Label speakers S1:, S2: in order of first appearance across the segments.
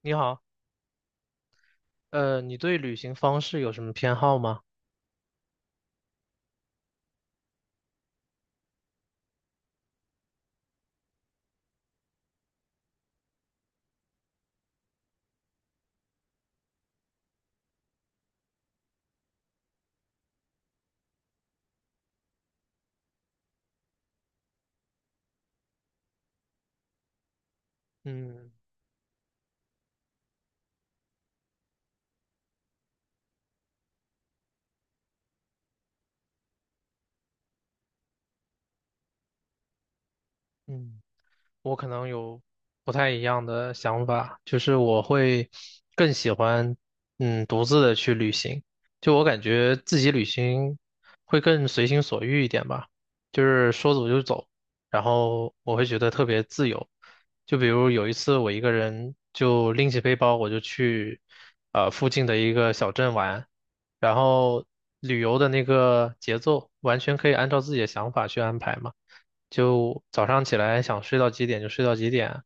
S1: 你好，你对旅行方式有什么偏好吗？嗯嗯。我可能有不太一样的想法，就是我会更喜欢独自的去旅行，就我感觉自己旅行会更随心所欲一点吧，就是说走就走，然后我会觉得特别自由。就比如有一次我一个人就拎起背包我就去附近的一个小镇玩，然后旅游的那个节奏完全可以按照自己的想法去安排嘛。就早上起来想睡到几点就睡到几点，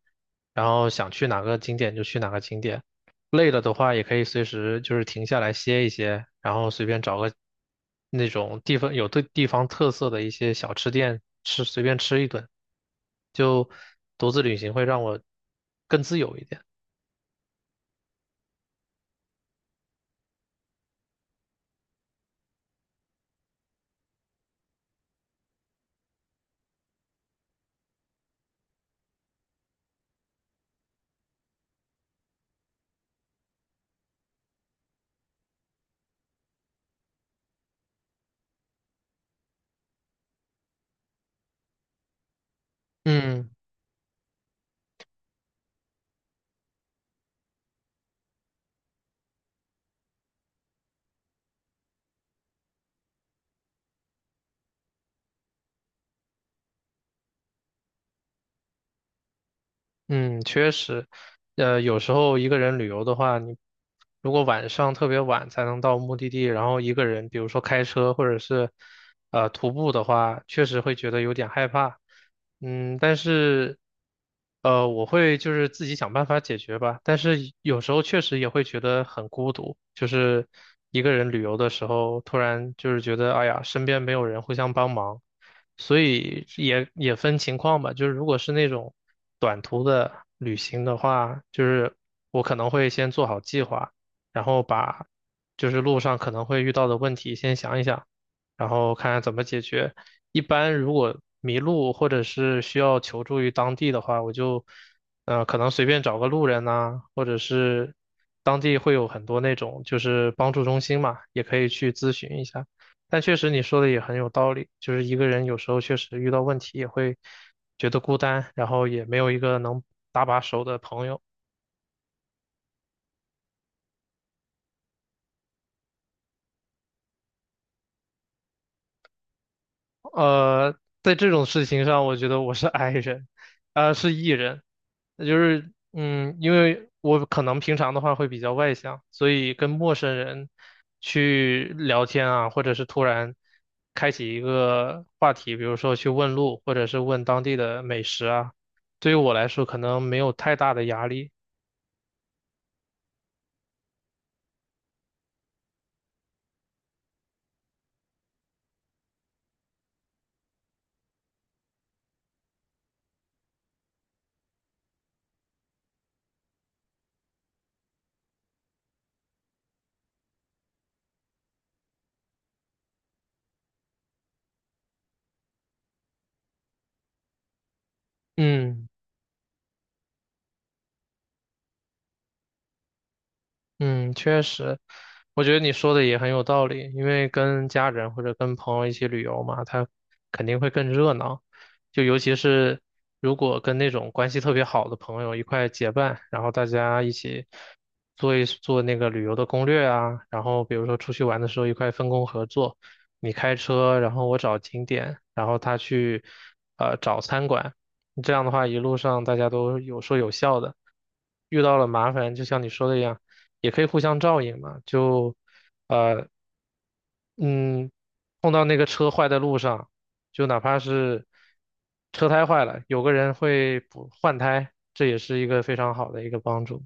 S1: 然后想去哪个景点就去哪个景点。累了的话，也可以随时就是停下来歇一歇，然后随便找个那种地方有对地方特色的一些小吃店吃，随便吃一顿。就独自旅行会让我更自由一点。嗯。嗯，确实，有时候一个人旅游的话，你如果晚上特别晚才能到目的地，然后一个人，比如说开车或者是徒步的话，确实会觉得有点害怕。嗯，但是我会就是自己想办法解决吧。但是有时候确实也会觉得很孤独，就是一个人旅游的时候，突然就是觉得哎呀，身边没有人互相帮忙。所以也分情况吧，就是如果是那种短途的旅行的话，就是我可能会先做好计划，然后把就是路上可能会遇到的问题先想一想，然后看看怎么解决。一般如果迷路或者是需要求助于当地的话，我就可能随便找个路人呐、或者是当地会有很多那种就是帮助中心嘛，也可以去咨询一下。但确实你说的也很有道理，就是一个人有时候确实遇到问题也会觉得孤单，然后也没有一个能搭把手的朋友。呃，在这种事情上，我觉得我是 I 人，是 E 人，那就是嗯，因为我可能平常的话会比较外向，所以跟陌生人去聊天啊，或者是突然开启一个话题，比如说去问路，或者是问当地的美食啊。对于我来说，可能没有太大的压力。嗯，嗯，确实，我觉得你说的也很有道理，因为跟家人或者跟朋友一起旅游嘛，他肯定会更热闹，就尤其是如果跟那种关系特别好的朋友一块结伴，然后大家一起做一做那个旅游的攻略啊，然后比如说出去玩的时候一块分工合作，你开车，然后我找景点，然后他去找餐馆，这样的话一路上大家都有说有笑的，遇到了麻烦就像你说的一样。也可以互相照应嘛，呃嗯，碰到那个车坏在路上，就哪怕是车胎坏了，有个人会补换胎，这也是一个非常好的一个帮助。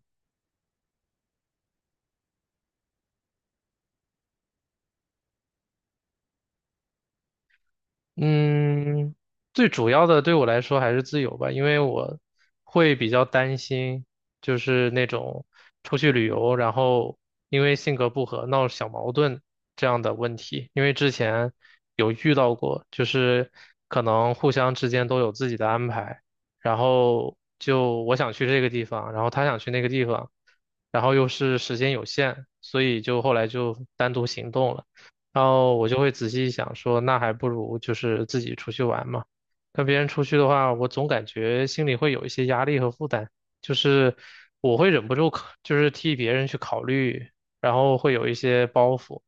S1: 嗯，最主要的对我来说还是自由吧，因为我会比较担心，就是那种出去旅游，然后因为性格不合闹小矛盾这样的问题。因为之前有遇到过，就是可能互相之间都有自己的安排，然后就我想去这个地方，然后他想去那个地方，然后又是时间有限，所以就后来就单独行动了。然后我就会仔细想说，那还不如就是自己出去玩嘛。跟别人出去的话，我总感觉心里会有一些压力和负担，就是我会忍不住考就是替别人去考虑，然后会有一些包袱。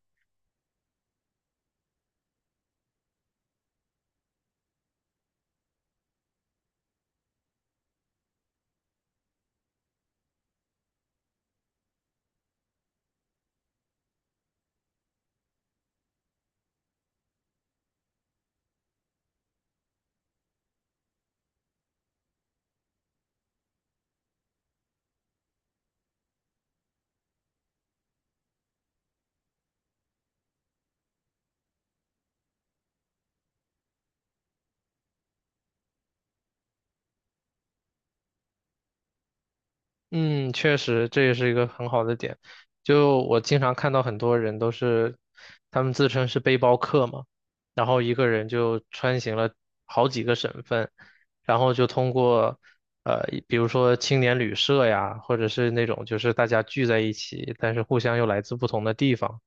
S1: 嗯，确实，这也是一个很好的点。就我经常看到很多人都是，他们自称是背包客嘛，然后一个人就穿行了好几个省份，然后就通过，呃，比如说青年旅社呀，或者是那种就是大家聚在一起，但是互相又来自不同的地方，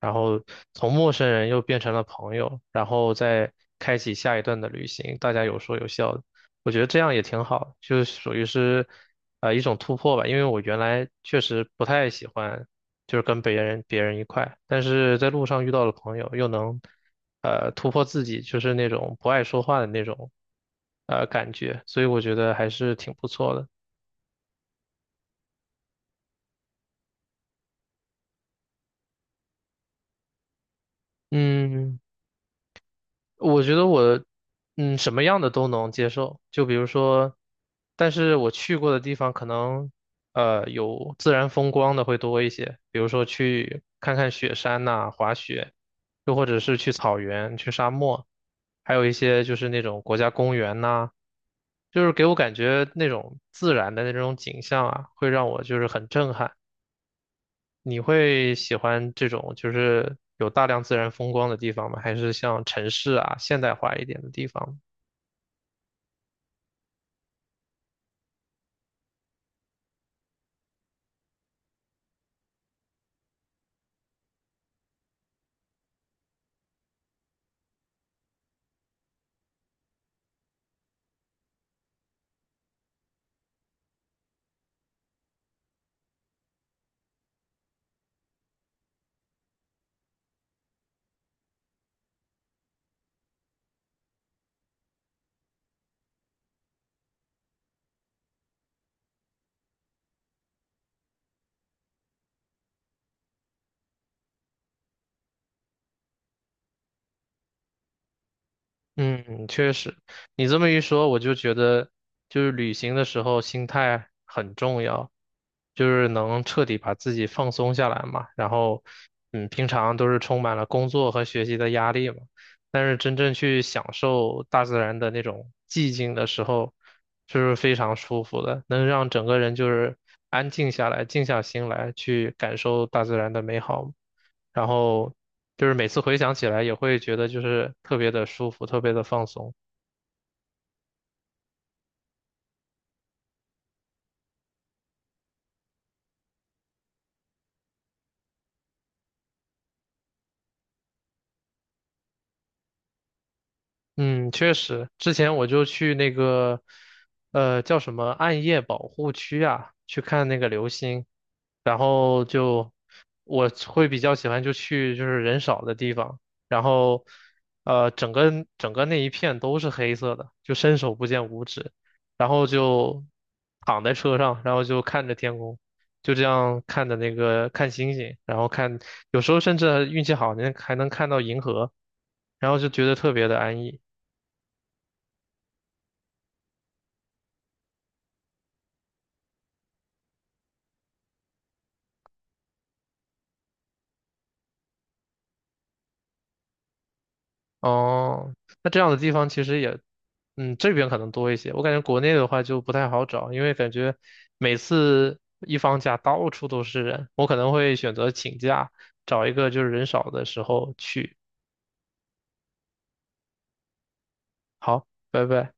S1: 然后从陌生人又变成了朋友，然后再开启下一段的旅行，大家有说有笑的。我觉得这样也挺好，就是属于是，一种突破吧。因为我原来确实不太喜欢，就是跟别人一块，但是在路上遇到了朋友，又能，突破自己，就是那种不爱说话的那种，感觉，所以我觉得还是挺不错的。嗯。我觉得我，嗯，什么样的都能接受。就比如说，但是我去过的地方可能，有自然风光的会多一些，比如说去看看雪山呐、滑雪，又或者是去草原、去沙漠，还有一些就是那种国家公园呐、就是给我感觉那种自然的那种景象啊，会让我就是很震撼。你会喜欢这种就是有大量自然风光的地方吗？还是像城市啊，现代化一点的地方呢？嗯，确实，你这么一说，我就觉得就是旅行的时候心态很重要，就是能彻底把自己放松下来嘛。然后，嗯，平常都是充满了工作和学习的压力嘛，但是真正去享受大自然的那种寂静的时候，就是非常舒服的，能让整个人就是安静下来，静下心来去感受大自然的美好。然后就是每次回想起来也会觉得就是特别的舒服，特别的放松。嗯，确实，之前我就去那个，叫什么暗夜保护区啊，去看那个流星，然后就我会比较喜欢就去就是人少的地方，然后整个那一片都是黑色的，就伸手不见五指，然后就躺在车上，然后就看着天空，就这样看着那个看星星，然后看，有时候甚至运气好，还能看到银河。然后就觉得特别的安逸。哦，那这样的地方其实也，嗯，这边可能多一些。我感觉国内的话就不太好找，因为感觉每次一放假到处都是人，我可能会选择请假，找一个就是人少的时候去。好，拜拜。